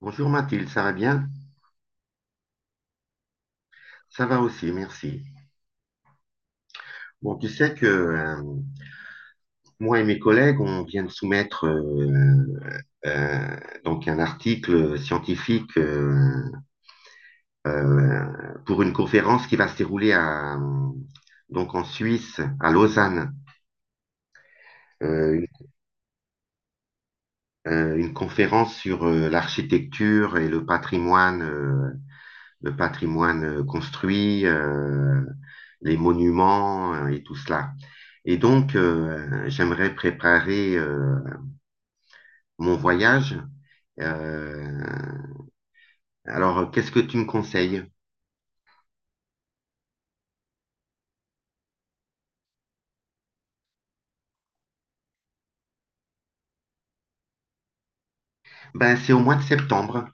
Bonjour Mathilde, ça va bien? Ça va aussi, merci. Bon, tu sais que moi et mes collègues, on vient de soumettre euh, donc un article scientifique pour une conférence qui va se dérouler donc en Suisse, à Lausanne, euh, une, une conférence sur l'architecture et le patrimoine. Le patrimoine construit, les monuments et tout cela. Et donc, j'aimerais préparer mon voyage. Euh, alors, qu'est-ce que tu me conseilles? Ben, c'est au mois de septembre.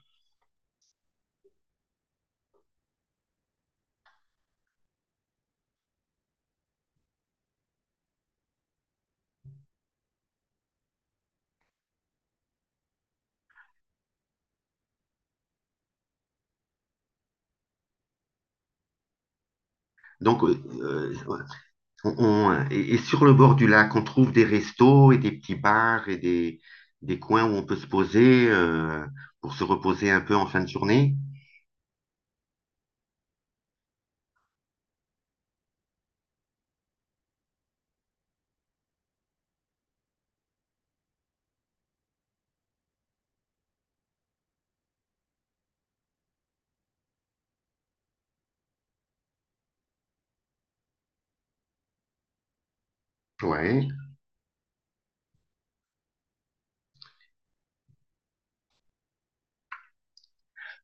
Donc, et sur le bord du lac, on trouve des restos et des petits bars et des coins où on peut se poser pour se reposer un peu en fin de journée. Ouais.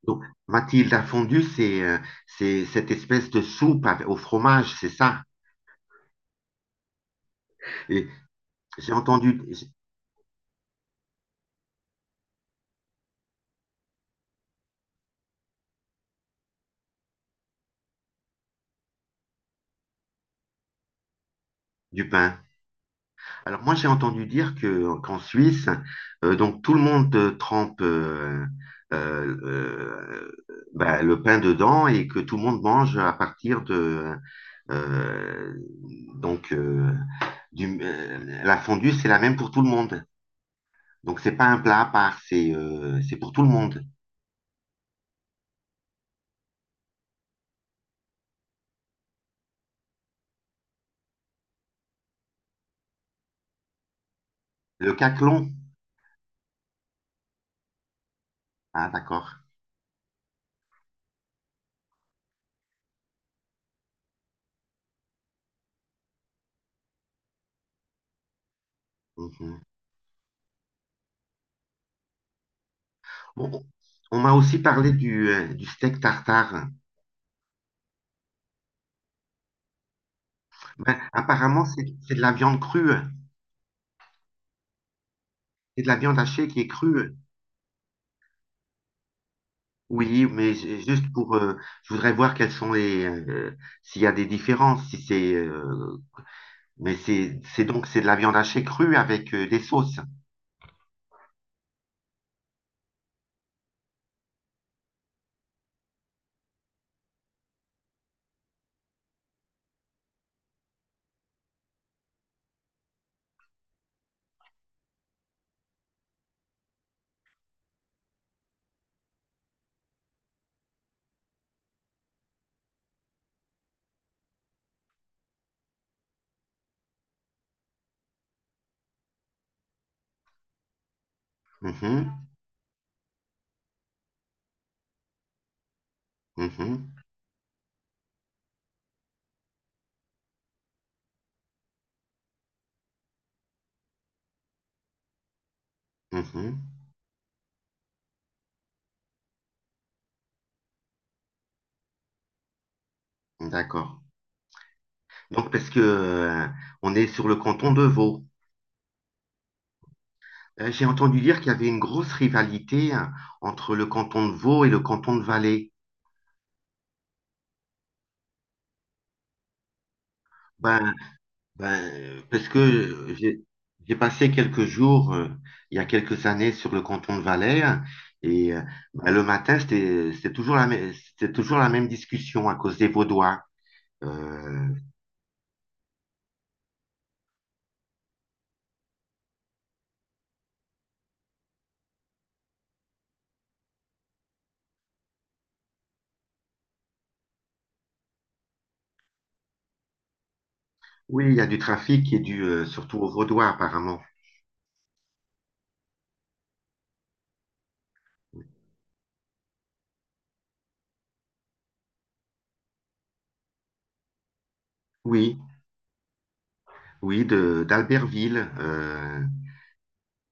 Donc, Mathilda fondue, c'est cette espèce de soupe au fromage, c'est ça. Et j'ai entendu du pain. Alors moi, j'ai entendu dire que qu'en Suisse, donc tout le monde trempe euh, euh, ben, le pain dedans et que tout le monde mange à partir de euh, donc euh, la fondue, c'est la même pour tout le monde. Donc c'est pas un plat à part, c'est pour tout le monde. Le caclon. Ah d'accord. Mhm. Bon, on m'a aussi parlé du steak tartare. Ben, apparemment, c'est de la viande crue. C'est de la viande hachée qui est crue. Oui, mais juste je voudrais voir quelles sont s'il y a des différences, si mais c'est de la viande hachée crue avec des sauces. Mhm, mhm, mhm. D'accord. Donc, parce que, on est sur le canton de Vaud. J'ai entendu dire qu'il y avait une grosse rivalité, hein, entre le canton de Vaud et le canton de Valais. Ben, ben, parce que j'ai passé quelques jours, il y a quelques années, sur le canton de Valais, hein, et ben, le matin, c'était toujours la même discussion à cause des Vaudois. Euh, oui, il y a du trafic qui est dû surtout aux Vaudois, apparemment. Oui, oui, de d'Albertville.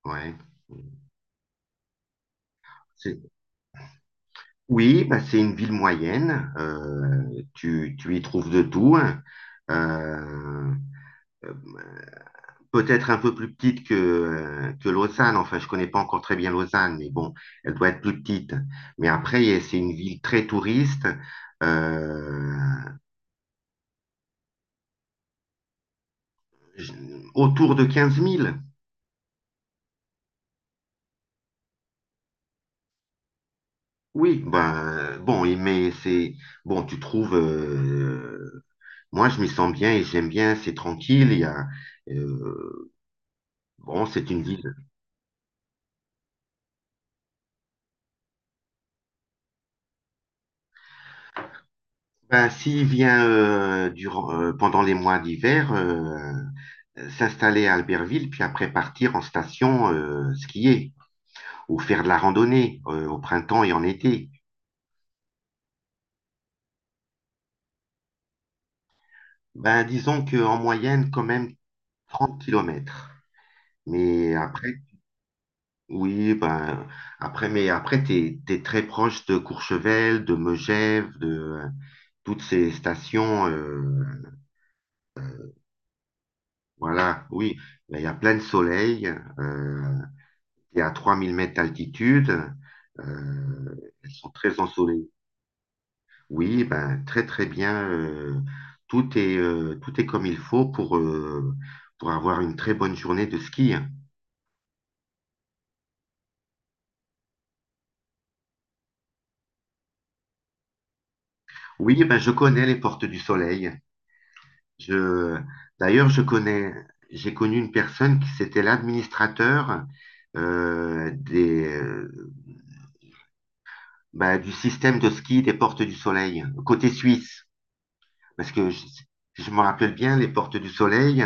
Ouais. C'est- Oui, bah, c'est une ville moyenne. Tu y trouves de tout, hein. Euh, euh, Peut-être un peu plus petite que Lausanne. Enfin, je connais pas encore très bien Lausanne, mais bon, elle doit être plus petite. Mais après, c'est une ville très touriste. euh, je- Autour de 15 000. Oui, ben, bon, mais c'est bon, tu trouves. Moi, je m'y sens bien et j'aime bien. C'est tranquille. Euh, bon, c'est une ville. Ben, s'il vient pendant les mois d'hiver, s'installer à Albertville, puis après partir en station skier ou faire de la randonnée au printemps et en été. Ben, disons qu'en moyenne, quand même 30 kilomètres. Mais après, oui, ben, après, t'es très proche de Courchevel, de Megève, de euh, toutes ces stations. Voilà, oui. Ben, il y a plein de soleil, euh, qui est à 3 000 mètres d'altitude. Euh, Elles sont très ensoleillées. Oui, ben, très très bien. Tout est comme il faut pour, pour avoir une très bonne journée de ski. Oui, ben, je connais les portes du soleil. Je, D'ailleurs, j'ai connu une personne qui c'était l'administrateur euh, des, euh, ben, du système de ski des portes du soleil, côté suisse. Parce que je me rappelle bien, les Portes du Soleil,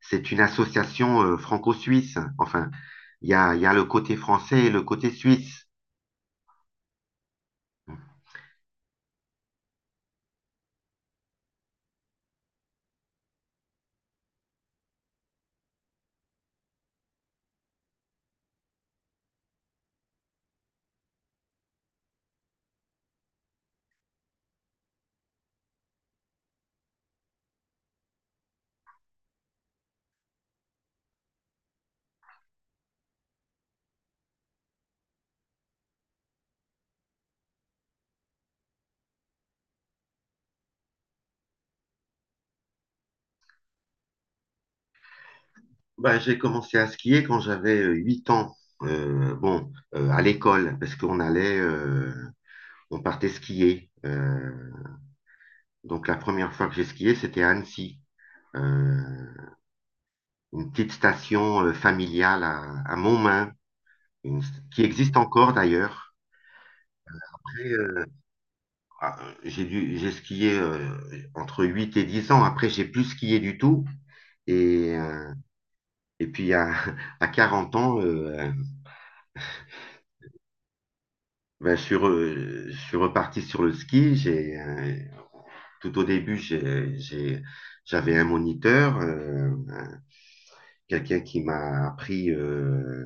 c'est une association franco-suisse. Enfin, il y a le côté français et le côté suisse. Ben, j'ai commencé à skier quand j'avais 8 ans. Bon, à l'école, parce qu'on on partait skier. Donc la première fois que j'ai skié, c'était à Annecy. Euh, une petite station familiale à Montmain, une- qui existe encore d'ailleurs. Après, Ah, j'ai skié entre 8 et 10 ans. Après, j'ai plus skié du tout. Et, puis, à, à 40 ans, ben, je suis reparti sur le ski. Tout au début, j'avais un moniteur, quelqu'un qui m'a appris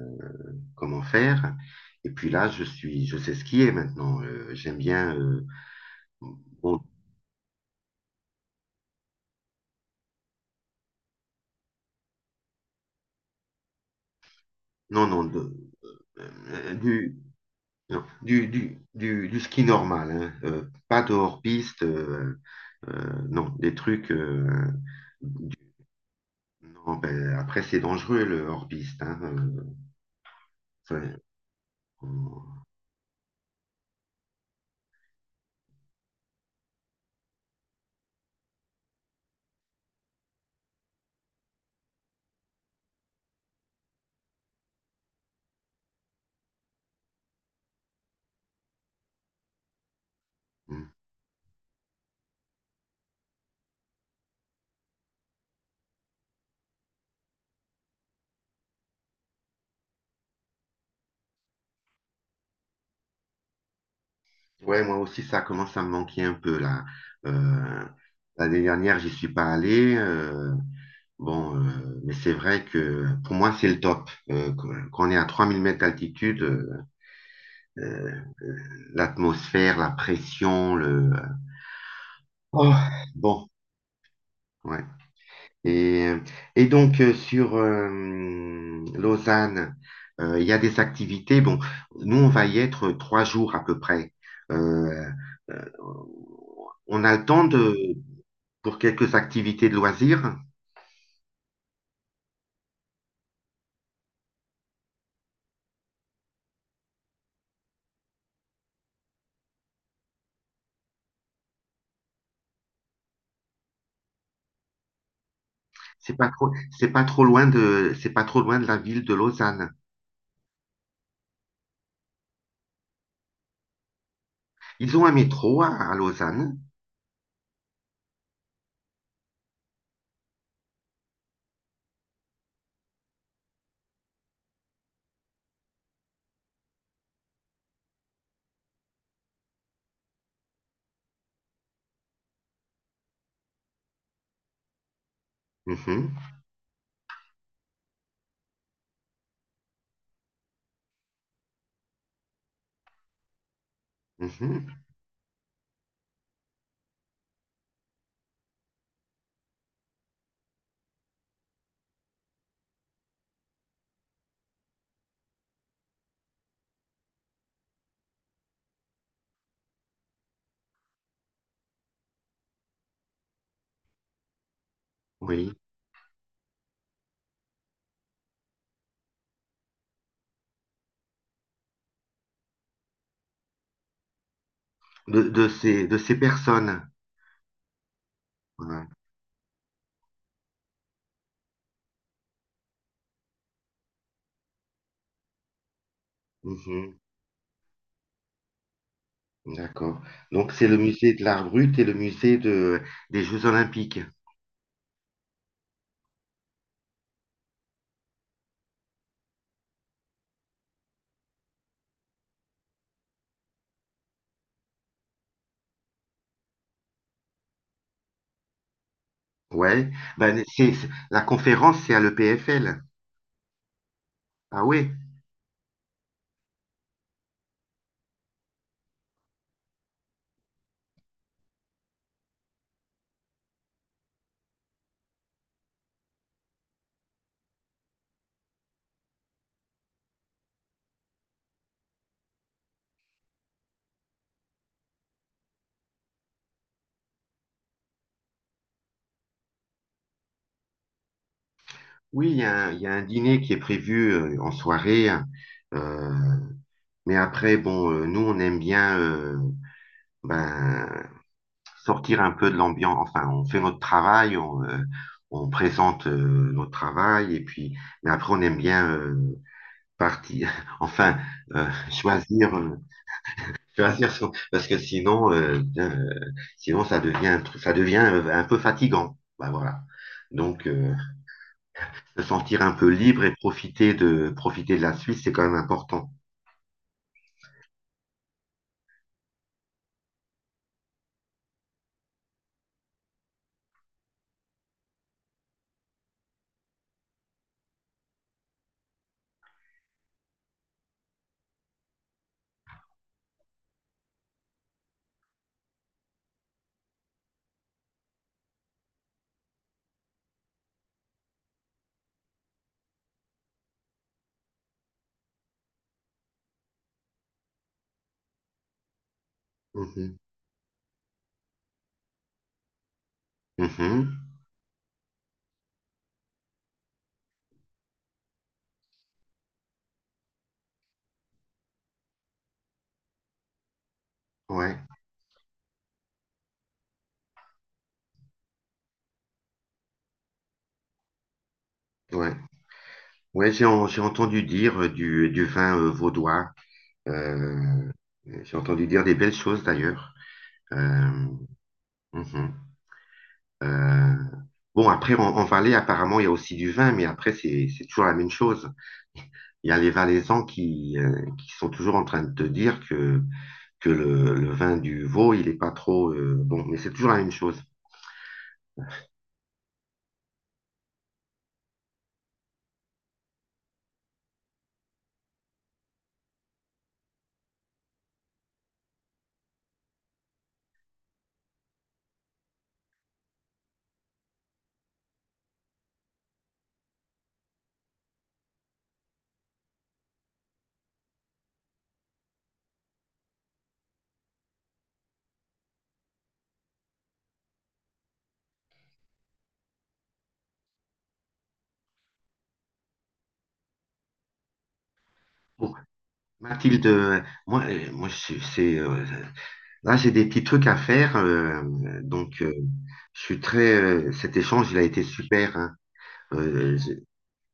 comment faire. Et puis là, je sais skier maintenant. J'aime bien. Bon, non, non, euh, du, du ski normal, hein, pas de hors-piste. Non, des trucs. Non, ben, après, c'est dangereux le hors-piste, hein. Enfin, on- mm. Ouais, moi aussi, ça commence à me manquer un peu là. Euh, L'année dernière, j'y suis pas allé. Bon, mais c'est vrai que pour moi, c'est le top. Quand on est à 3 000 mètres d'altitude, euh, l'atmosphère, la pression, le. Oh, bon, ouais. Et, donc, sur Lausanne, il y a des activités. Bon, nous, on va y être 3 jours à peu près. Euh, euh, on a le temps pour quelques activités de loisirs. C'est pas trop, c'est pas trop loin de la ville de Lausanne. Ils ont un métro à Lausanne. Mhm, mhm, oui, de ces personnes. Voilà. Mhm. D'accord. Donc, c'est le musée de l'art brut et le musée des Jeux Olympiques. Ouais. Ben, la conférence, c'est à l'EPFL. Ah ouais. Oui, il y a un dîner qui est prévu en soirée. Euh, mais après, bon, nous, on aime bien ben, sortir un peu de l'ambiance. Enfin, on fait notre travail, on présente notre travail. Et puis, mais après, on aime bien partir. Enfin, choisir. Tu vas dire, parce que sinon, bien, sinon ça devient un peu fatigant. Bah voilà. Donc, se sentir un peu libre et profiter profiter de la Suisse, c'est quand même important. Mhm. Mhm. Ouais, ouais. Ouais, j'ai entendu dire du vin vaudois. Euh, j'ai entendu dire des belles choses d'ailleurs. Euh, mhm. Euh, bon, après, en Valais, apparemment, il y a aussi du vin, mais après, c'est toujours la même chose. Il y a les Valaisans qui sont toujours en train de te dire que le vin du Vaud, il n'est pas trop bon, mais c'est toujours la même chose. Bon, Mathilde, moi là, j'ai des petits trucs à faire, donc je suis très. Cet échange, il a été super, hein. Euh,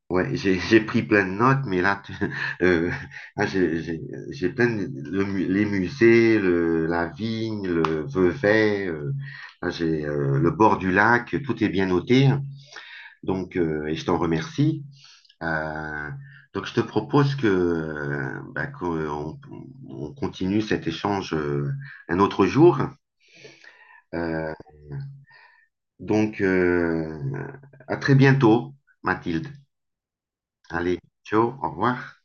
Ouais, j'ai pris plein de notes, mais là, euh, là, j'ai plein de les musées, la vigne, le Vevey, là, j'ai le bord du lac, tout est bien noté, donc et je t'en remercie. Euh, donc je te propose que bah, qu'on on continue cet échange un autre jour. Euh, donc, à très bientôt, Mathilde. Allez, ciao, au revoir.